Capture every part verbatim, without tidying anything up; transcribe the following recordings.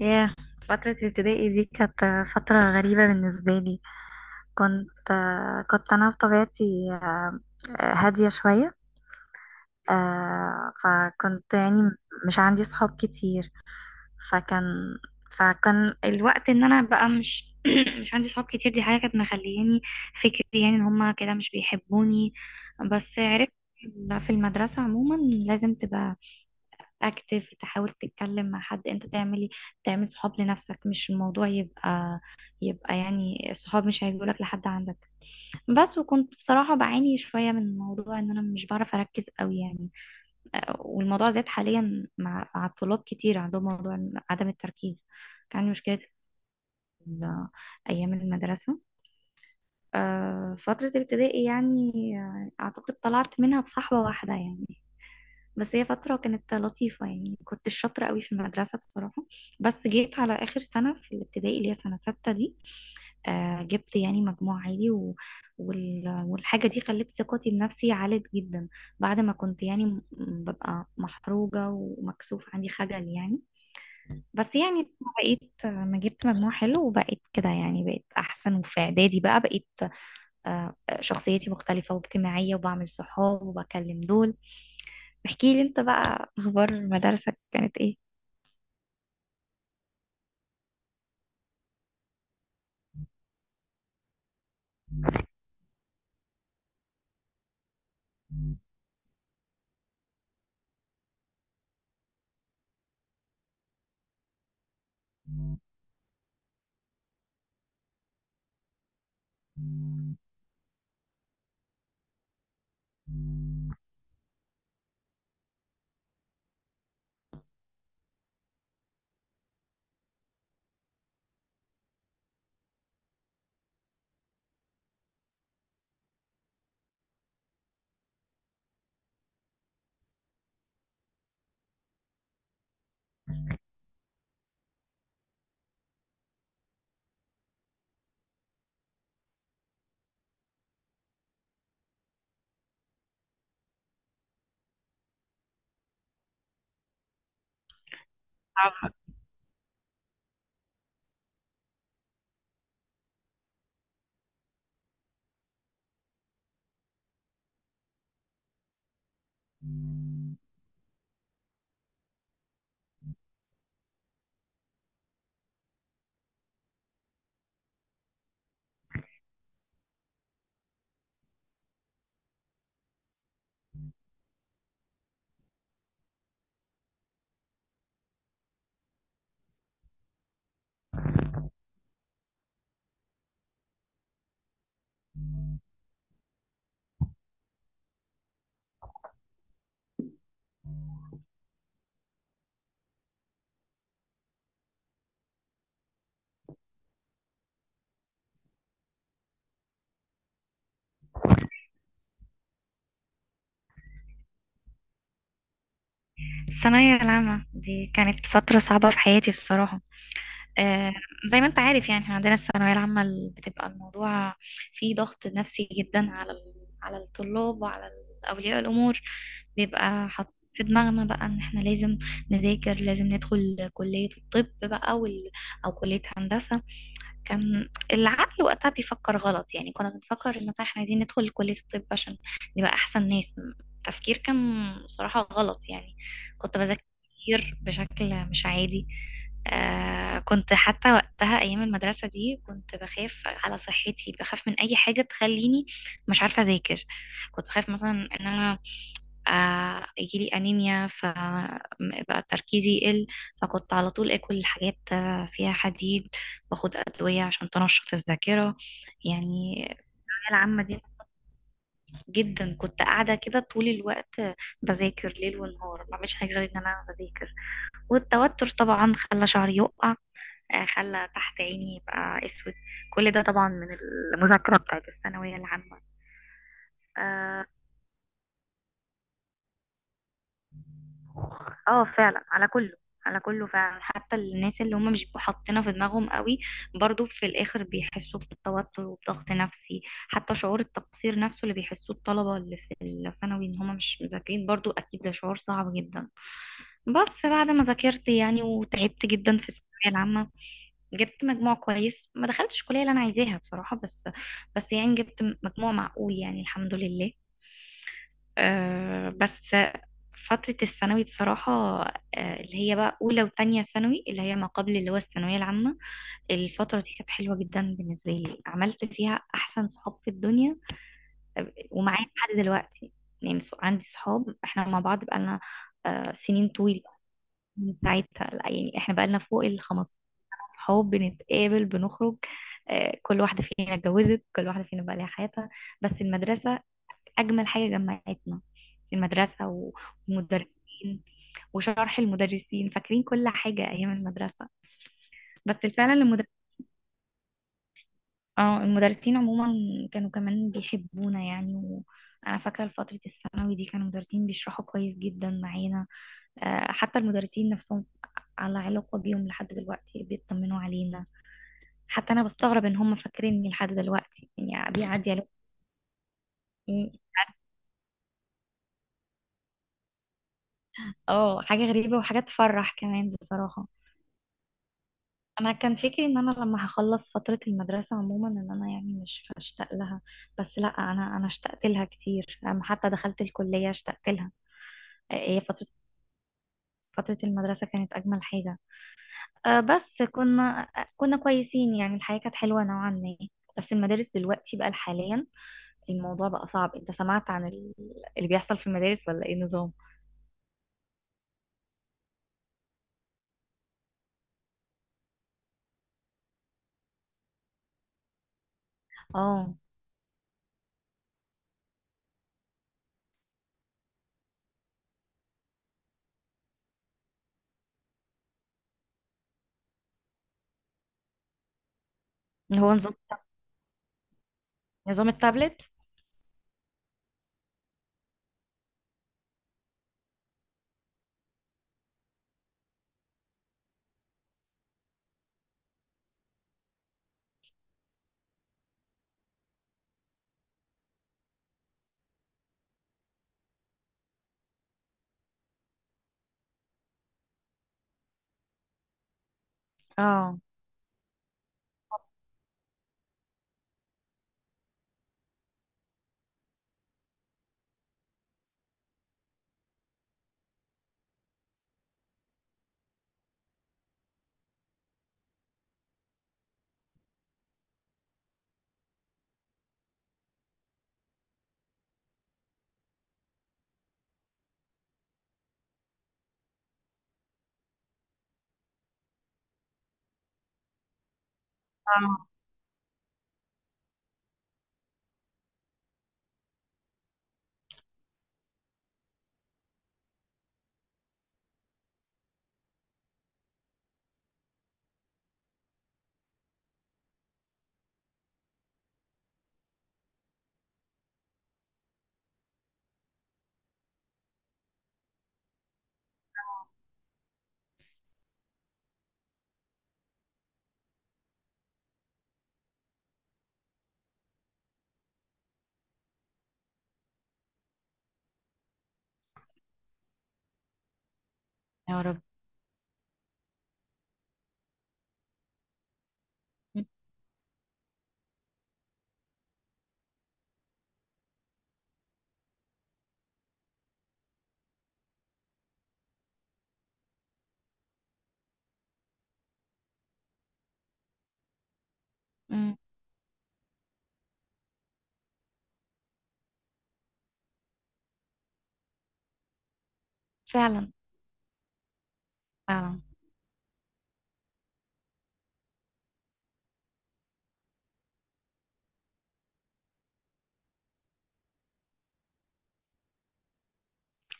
ياه. فترة ابتدائي دي كانت فترة غريبة بالنسبة لي. كنت كنت أنا بطبيعتي، آه، هادية شوية. آه، فكنت يعني مش عندي صحاب كتير. فكان فكان الوقت إن أنا بقى مش مش عندي صحاب كتير. دي حاجة كانت مخلياني فكري، يعني إن هما كده مش بيحبوني. بس عرفت في المدرسة عموما لازم تبقى اكتف تحاول تتكلم مع حد، انت تعملي تعمل صحاب لنفسك، مش الموضوع يبقى يبقى يعني الصحاب مش هيجولك لحد عندك. بس وكنت بصراحة بعاني شوية من موضوع ان انا مش بعرف اركز قوي يعني. آه، والموضوع زاد حاليا مع مع الطلاب كتير عندهم موضوع إن- عدم التركيز. كان عندي مشكلة ال- ايام المدرسة. آه، فترة الابتدائي يعني. آه، اعتقد طلعت منها بصحبة واحدة يعني. بس هي فترة كانت لطيفة، يعني كنت شاطرة قوي في المدرسة بصراحة. بس جيت على آخر سنة في الابتدائي اللي هي سنة ستة دي. آه جبت يعني مجموع عالي و... وال... والحاجة دي خلت ثقتي بنفسي عالت جدا. بعد ما كنت يعني م- ببقى محروجة ومكسوف، عندي خجل يعني. بس يعني بقيت، آه، ما جبت مجموع حلو وبقيت كده يعني بقيت أحسن. وفي إعدادي بقى بقيت آه، شخصيتي مختلفة واجتماعية، وبعمل صحاب وبكلم دول. احكي لي انت بقى، اخبار مدارسك كانت ايه؟ صعبة. الثانوية العامة دي كانت فترة صعبة في حياتي بصراحة. آه زي ما انت عارف، يعني احنا عندنا الثانوية العامة ال- بتبقى الموضوع فيه ضغط نفسي جدا على ال- على الطلاب، وعلى ال- أولياء الأمور. بيبقى حاط في دماغنا بقى ان احنا لازم نذاكر، لازم ندخل كلية الطب بقى وال- او كلية هندسة. كان العقل وقتها بيفكر غلط، يعني كنا بنفكر إن مثلا احنا عايزين ندخل كلية الطب عشان نبقى أحسن ناس. التفكير كان بصراحة غلط يعني. كنت بذاكر كتير بشكل مش عادي. آه كنت حتى وقتها أيام المدرسة دي كنت بخاف على صحتي، بخاف من أي حاجة تخليني مش عارفة أذاكر. كنت بخاف مثلا إن أنا آه، يجيلي أنيميا فبقى تركيزي يقل، فكنت على طول أكل حاجات آه، فيها حديد، باخد أدوية عشان تنشط الذاكرة يعني. الثانوية العامة دي جدا، كنت قاعدة كده طول الوقت بذاكر ليل ونهار، ما بعملش حاجة غير إن أنا بذاكر. والتوتر طبعا خلى شعري يقع، آه، خلى تحت عيني يبقى أسود. كل ده طبعا من المذاكرة بتاعت الثانوية العامة. آه، اه فعلا، على كله. على كله فعلا، حتى الناس اللي هم مش بيبقوا حاطينها في دماغهم قوي، برضو في الاخر بيحسوا بالتوتر وبضغط نفسي. حتى شعور التقصير نفسه اللي بيحسوه الطلبة اللي في الثانوي ان هم مش مذاكرين، برضو اكيد ده شعور صعب جدا. بس بعد ما ذاكرت يعني وتعبت جدا في الثانوية العامة، جبت مجموع كويس. ما دخلتش الكلية اللي انا عايزاها بصراحة، بس بس يعني جبت مجموع معقول يعني الحمد لله. آه، بس فترة الثانوي بصراحة، آه، اللي هي بقى أولى وتانية ثانوي، اللي هي ما قبل اللي هو الثانوية العامة. الفترة دي كانت حلوة جدا بالنسبة لي، عملت فيها أحسن صحاب في الدنيا. آه، ومعايا لحد دلوقتي. يعني ص- عندي صحاب احنا مع بعض بقالنا آه، سنين طويلة. من ساعتها لا، يعني احنا بقالنا فوق ال خمسة عشر. صحاب بنتقابل بنخرج. آه، كل واحدة فينا اتجوزت، كل واحدة فينا بقى لها حياتها. بس المدرسة أجمل حاجة جمعتنا، في المدرسة ومدرسين، وشرح المدرسين. فاكرين كل حاجة أيام المدرسة. بس فعلا المدر... اه المدرسين عموما كانوا كمان بيحبونا يعني. وأنا فاكرة فترة الثانوي دي كانوا المدرسين بيشرحوا كويس جدا معانا. آه، حتى المدرسين نفسهم على علاقة بيهم لحد دلوقتي، بيطمنوا علينا. حتى أنا بستغرب إن هم فاكريني لحد دلوقتي، يعني بيعدي عليهم. إيه؟ اه، حاجة غريبة وحاجة تفرح كمان بصراحة. انا كان فكري ان انا لما هخلص فترة المدرسة عموما ان انا يعني مش هشتاق لها، بس لا، انا انا اشتقت لها كتير، لما حتى دخلت الكلية اشتقت لها. آه، هي فترة فترة المدرسة كانت اجمل حاجة. آه، بس كنا كنا كويسين، يعني الحياة كانت حلوة نوعا ما. بس المدارس دلوقتي بقى، حاليا الموضوع بقى صعب. انت سمعت عن ال- اللي بيحصل في المدارس ولا ايه، نظام؟ اه. اللي هو نظام نظام التابلت. اه. آه. يا رب. م- م- فعلا، فعلا،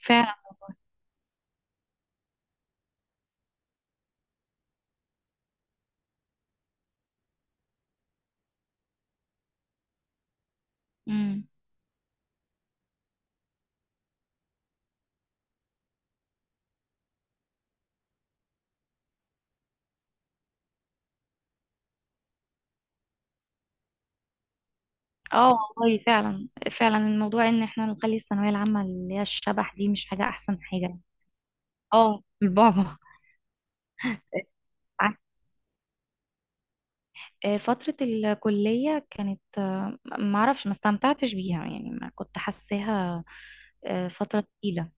فعلا. امم. اه، والله فعلا. فعلا، الموضوع ان احنا نخلي الثانويه العامه اللي هي الشبح دي، مش حاجه احسن حاجه. اه البابا. ع- آه، فتره الكليه كانت، آه، ما اعرفش، ما استمتعتش بيها، يعني ما كنت حاساها. آه، فتره تقيله.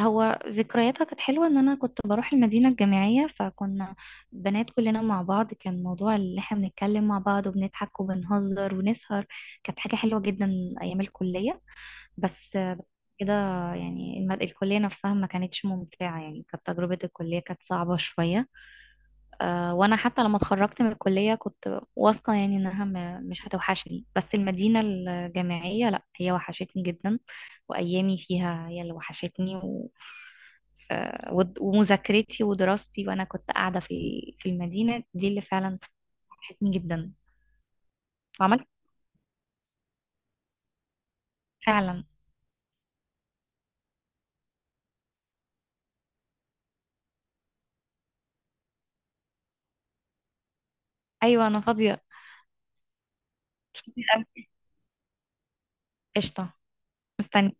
هو ذكرياتها كانت حلوه، ان انا كنت بروح المدينه الجامعيه، فكنا بنات كلنا مع بعض، كان موضوع اللي احنا بنتكلم مع بعض، وبنضحك وبنهزر ونسهر. كانت حاجه حلوه جدا ايام الكليه. بس بس كده، يعني الم- الكلية نفسها ما كانتش ممتعة، يعني كانت تجربة الكلية كانت صعبة شوية. آه، وأنا حتى لما اتخرجت من الكلية كنت واثقة يعني إنها م- مش هتوحشني، بس المدينة الجامعية لأ، هي وحشتني جدا. وأيامي فيها هي اللي وحشتني، و... آه، ود- ومذاكرتي ودراستي، وأنا كنت قاعدة في في المدينة دي اللي فعلا وحشتني جدا. وعملت فعلا. أيوة أنا فاضية. قشطة. مستني.